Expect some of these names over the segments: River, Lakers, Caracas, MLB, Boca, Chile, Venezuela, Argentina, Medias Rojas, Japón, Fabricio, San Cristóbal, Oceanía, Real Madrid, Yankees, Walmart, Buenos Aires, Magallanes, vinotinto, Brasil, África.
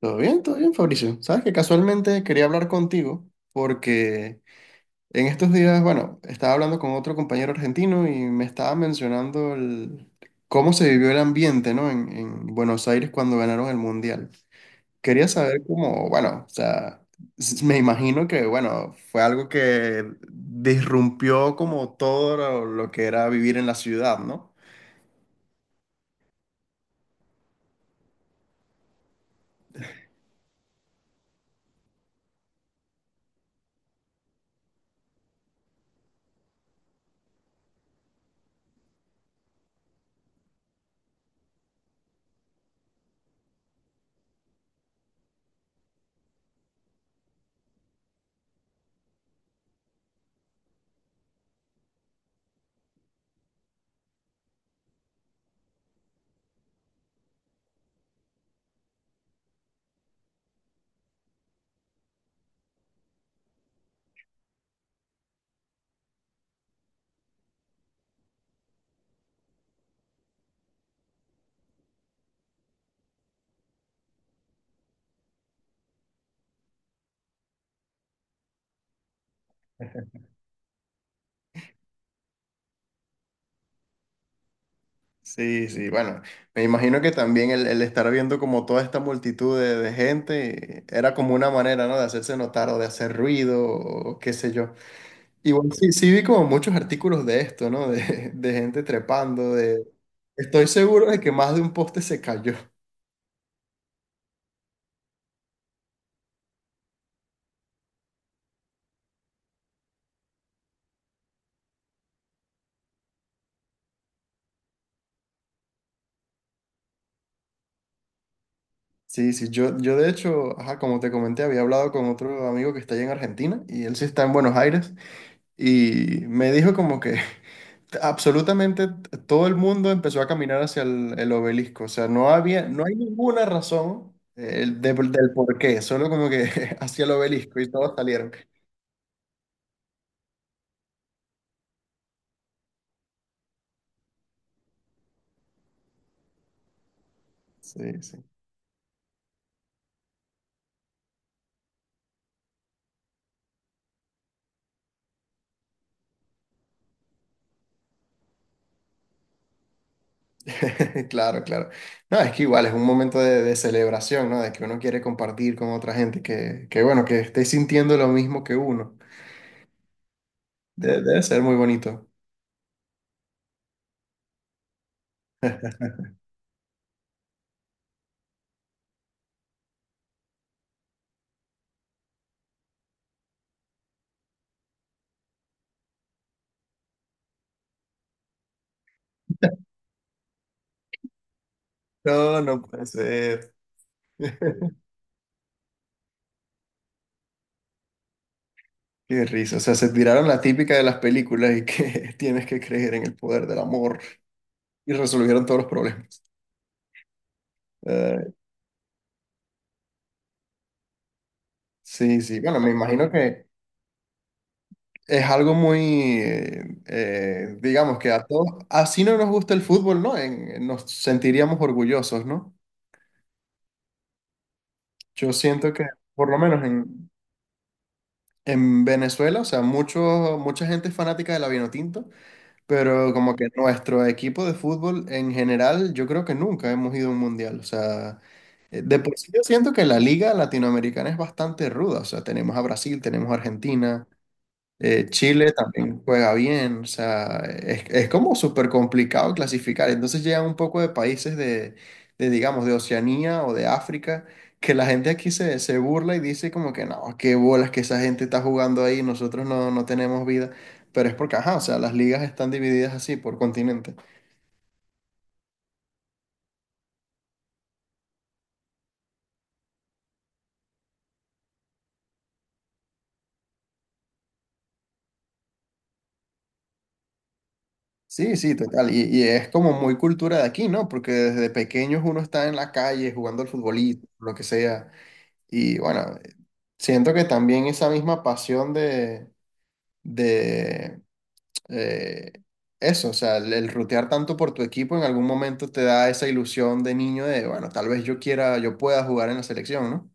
Todo bien, Fabricio. Sabes que casualmente quería hablar contigo porque en estos días, bueno, estaba hablando con otro compañero argentino y me estaba mencionando cómo se vivió el ambiente, ¿no? En Buenos Aires cuando ganaron el Mundial. Quería saber cómo, bueno, o sea, me imagino que, bueno, fue algo que disrumpió como todo lo que era vivir en la ciudad, ¿no? Sí, sí, bueno, me imagino que también el estar viendo como toda esta multitud de gente era como una manera, ¿no? De hacerse notar o de hacer ruido o qué sé yo. Igual sí, sí vi como muchos artículos de esto, ¿no? De gente trepando. Estoy seguro de que más de un poste se cayó. Sí, sí, yo de hecho, ajá, como te comenté, había hablado con otro amigo que está allá en Argentina y él sí está en Buenos Aires. Y me dijo como que absolutamente todo el mundo empezó a caminar hacia el obelisco. O sea, no hay ninguna razón del por qué, solo como que hacia el obelisco y todos salieron. Sí, sí. Claro, claro. No, es que igual es un momento de celebración, ¿no? De que uno quiere compartir con otra gente que bueno, que esté sintiendo lo mismo que uno. Debe ser muy bonito. No, no puede ser. Qué risa, o sea, se tiraron la típica de las películas y que tienes que creer en el poder del amor y resolvieron todos los problemas. Eh, sí, sí, bueno, me imagino que es algo muy, digamos que a todos, así no nos gusta el fútbol, ¿no? Nos sentiríamos orgullosos, ¿no? Yo siento que, por lo menos en Venezuela, o sea, mucha gente es fanática de la vinotinto. Pero como que nuestro equipo de fútbol en general, yo creo que nunca hemos ido a un mundial. O sea, de por sí yo siento que la liga latinoamericana es bastante ruda. O sea, tenemos a Brasil, tenemos a Argentina, Chile también juega bien, o sea, es como súper complicado clasificar. Entonces llegan un poco de países de, digamos, de Oceanía o de África, que la gente aquí se burla y dice como que no, qué bolas que esa gente está jugando ahí, nosotros no, no tenemos vida. Pero es porque, ajá, o sea, las ligas están divididas así por continente. Sí, sí, total. Y es como muy cultura de aquí, ¿no? Porque desde pequeños uno está en la calle jugando al futbolito, lo que sea. Y bueno, siento que también esa misma pasión de eh, eso, o sea, el rutear tanto por tu equipo en algún momento te da esa ilusión de niño de, bueno, tal vez yo quiera, yo pueda jugar en la selección, ¿no?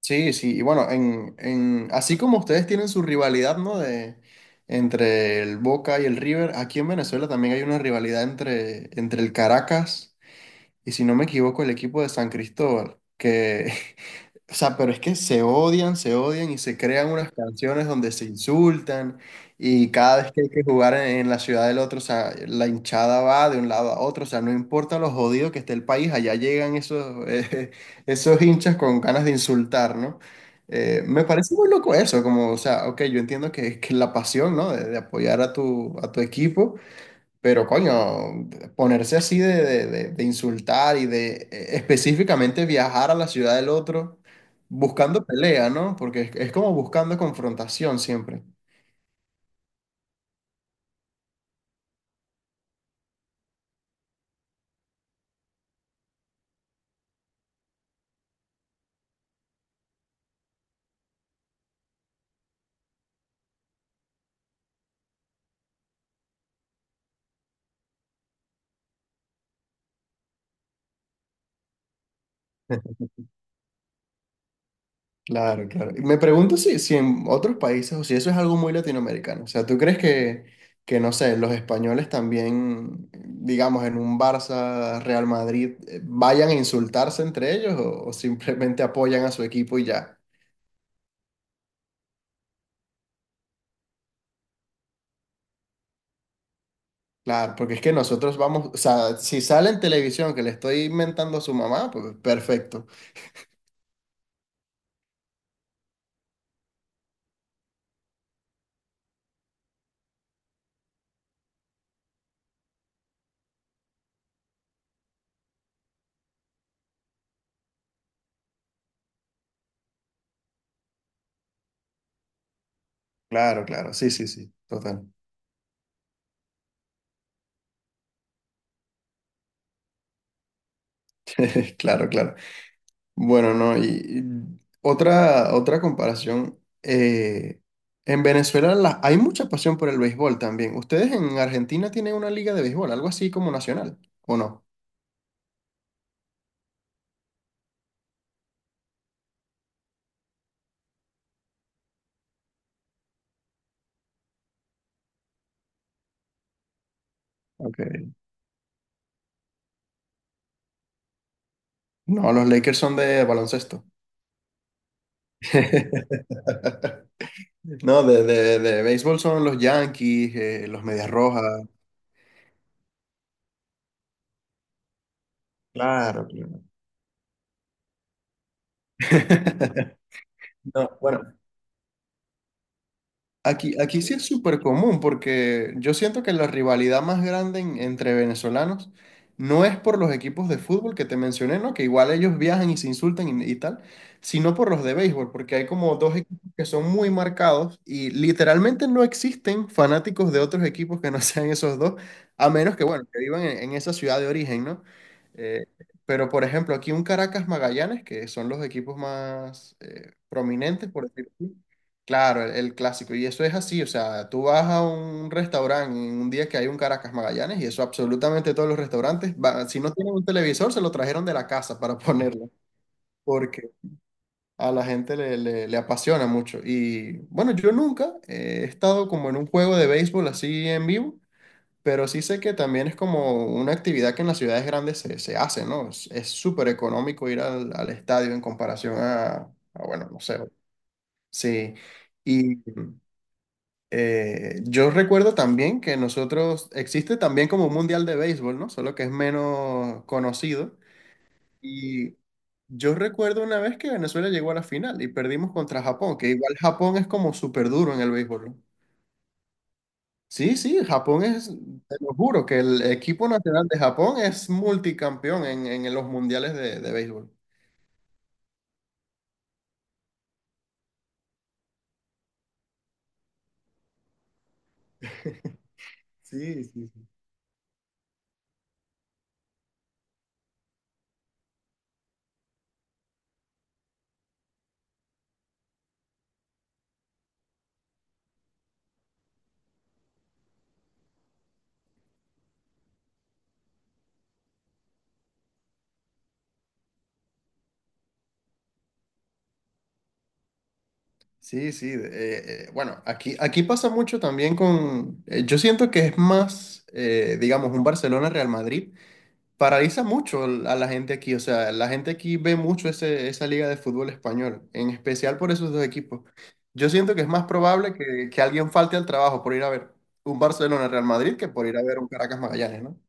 Sí, sí, y bueno, así como ustedes tienen su rivalidad, ¿no? Entre el Boca y el River, aquí en Venezuela también hay una rivalidad entre el Caracas y, si no me equivoco, el equipo de San Cristóbal, que O sea, pero es que se odian y se crean unas canciones donde se insultan y cada vez que hay que jugar en la ciudad del otro, o sea, la hinchada va de un lado a otro, o sea, no importa lo jodido que esté el país, allá llegan esos hinchas con ganas de insultar, ¿no? Me parece muy loco eso, como, o sea, ok, yo entiendo que la pasión, ¿no? De apoyar a tu equipo. Pero coño, ponerse así de insultar y de específicamente viajar a la ciudad del otro buscando pelea, ¿no? Porque es como buscando confrontación siempre. Claro, claro. Y me pregunto si en otros países o si eso es algo muy latinoamericano. O sea, ¿tú crees que, no sé, los españoles también, digamos, en un Barça, Real Madrid, vayan a insultarse entre ellos o simplemente apoyan a su equipo y ya? Claro, porque es que nosotros vamos, o sea, si sale en televisión que le estoy inventando a su mamá, pues perfecto. Claro, claro, sí, sí, sí, total. Claro, claro. Bueno, no, y otra comparación. En Venezuela hay mucha pasión por el béisbol también. ¿Ustedes en Argentina tienen una liga de béisbol, algo así como nacional, o no? Ok. No, los Lakers son de baloncesto. No, de béisbol son los Yankees, los Medias Rojas. Claro, claro. No, bueno, Aquí sí es súper común porque yo siento que la rivalidad más grande entre venezolanos no es por los equipos de fútbol que te mencioné, ¿no? Que igual ellos viajan y se insultan y tal, sino por los de béisbol, porque hay como dos equipos que son muy marcados y literalmente no existen fanáticos de otros equipos que no sean esos dos, a menos que, bueno, que vivan en esa ciudad de origen, ¿no? Eh, pero, por ejemplo, aquí un Caracas Magallanes, que son los equipos más prominentes, por decirlo así. Claro, el clásico. Y eso es así, o sea, tú vas a un restaurante en un día que hay un Caracas Magallanes y eso absolutamente todos los restaurantes, si no tienen un televisor, se lo trajeron de la casa para ponerlo, porque a la gente le apasiona mucho. Y bueno, yo nunca he estado como en un juego de béisbol así en vivo, pero sí sé que también es como una actividad que en las ciudades grandes se hace, ¿no? Es súper económico ir al estadio en comparación a, bueno, no sé, sí. Y... yo recuerdo también que nosotros existe también como un mundial de béisbol, ¿no? Solo que es menos conocido. Y yo recuerdo una vez que Venezuela llegó a la final y perdimos contra Japón, que igual Japón es como súper duro en el béisbol, ¿no? Sí, sí, Japón es, te lo juro, que el equipo nacional de Japón es multicampeón en los mundiales de béisbol. Sí, sí. Sí, sí. Bueno, aquí pasa mucho también . Yo siento que es más, digamos, un Barcelona-Real Madrid. Paraliza mucho a la gente aquí. O sea, la gente aquí ve mucho esa liga de fútbol español, en especial por esos dos equipos. Yo siento que es más probable que alguien falte al trabajo por ir a ver un Barcelona-Real Madrid que por ir a ver un Caracas-Magallanes, ¿no?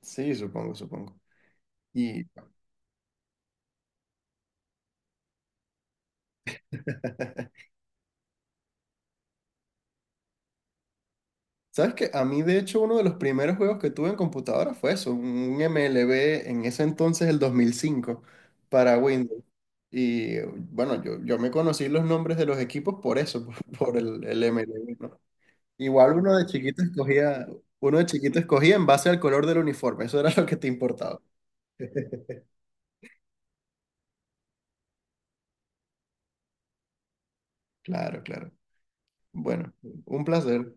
Sí, supongo, supongo. Y... ¿Sabes qué? A mí, de hecho, uno de los primeros juegos que tuve en computadora fue eso, un MLB en ese entonces, el 2005 para Windows. Y bueno, yo me conocí los nombres de los equipos por eso, por el MLB, ¿no? Igual uno de chiquito escogía en base al color del uniforme, eso era lo que te importaba. Claro, claro. Bueno, un placer.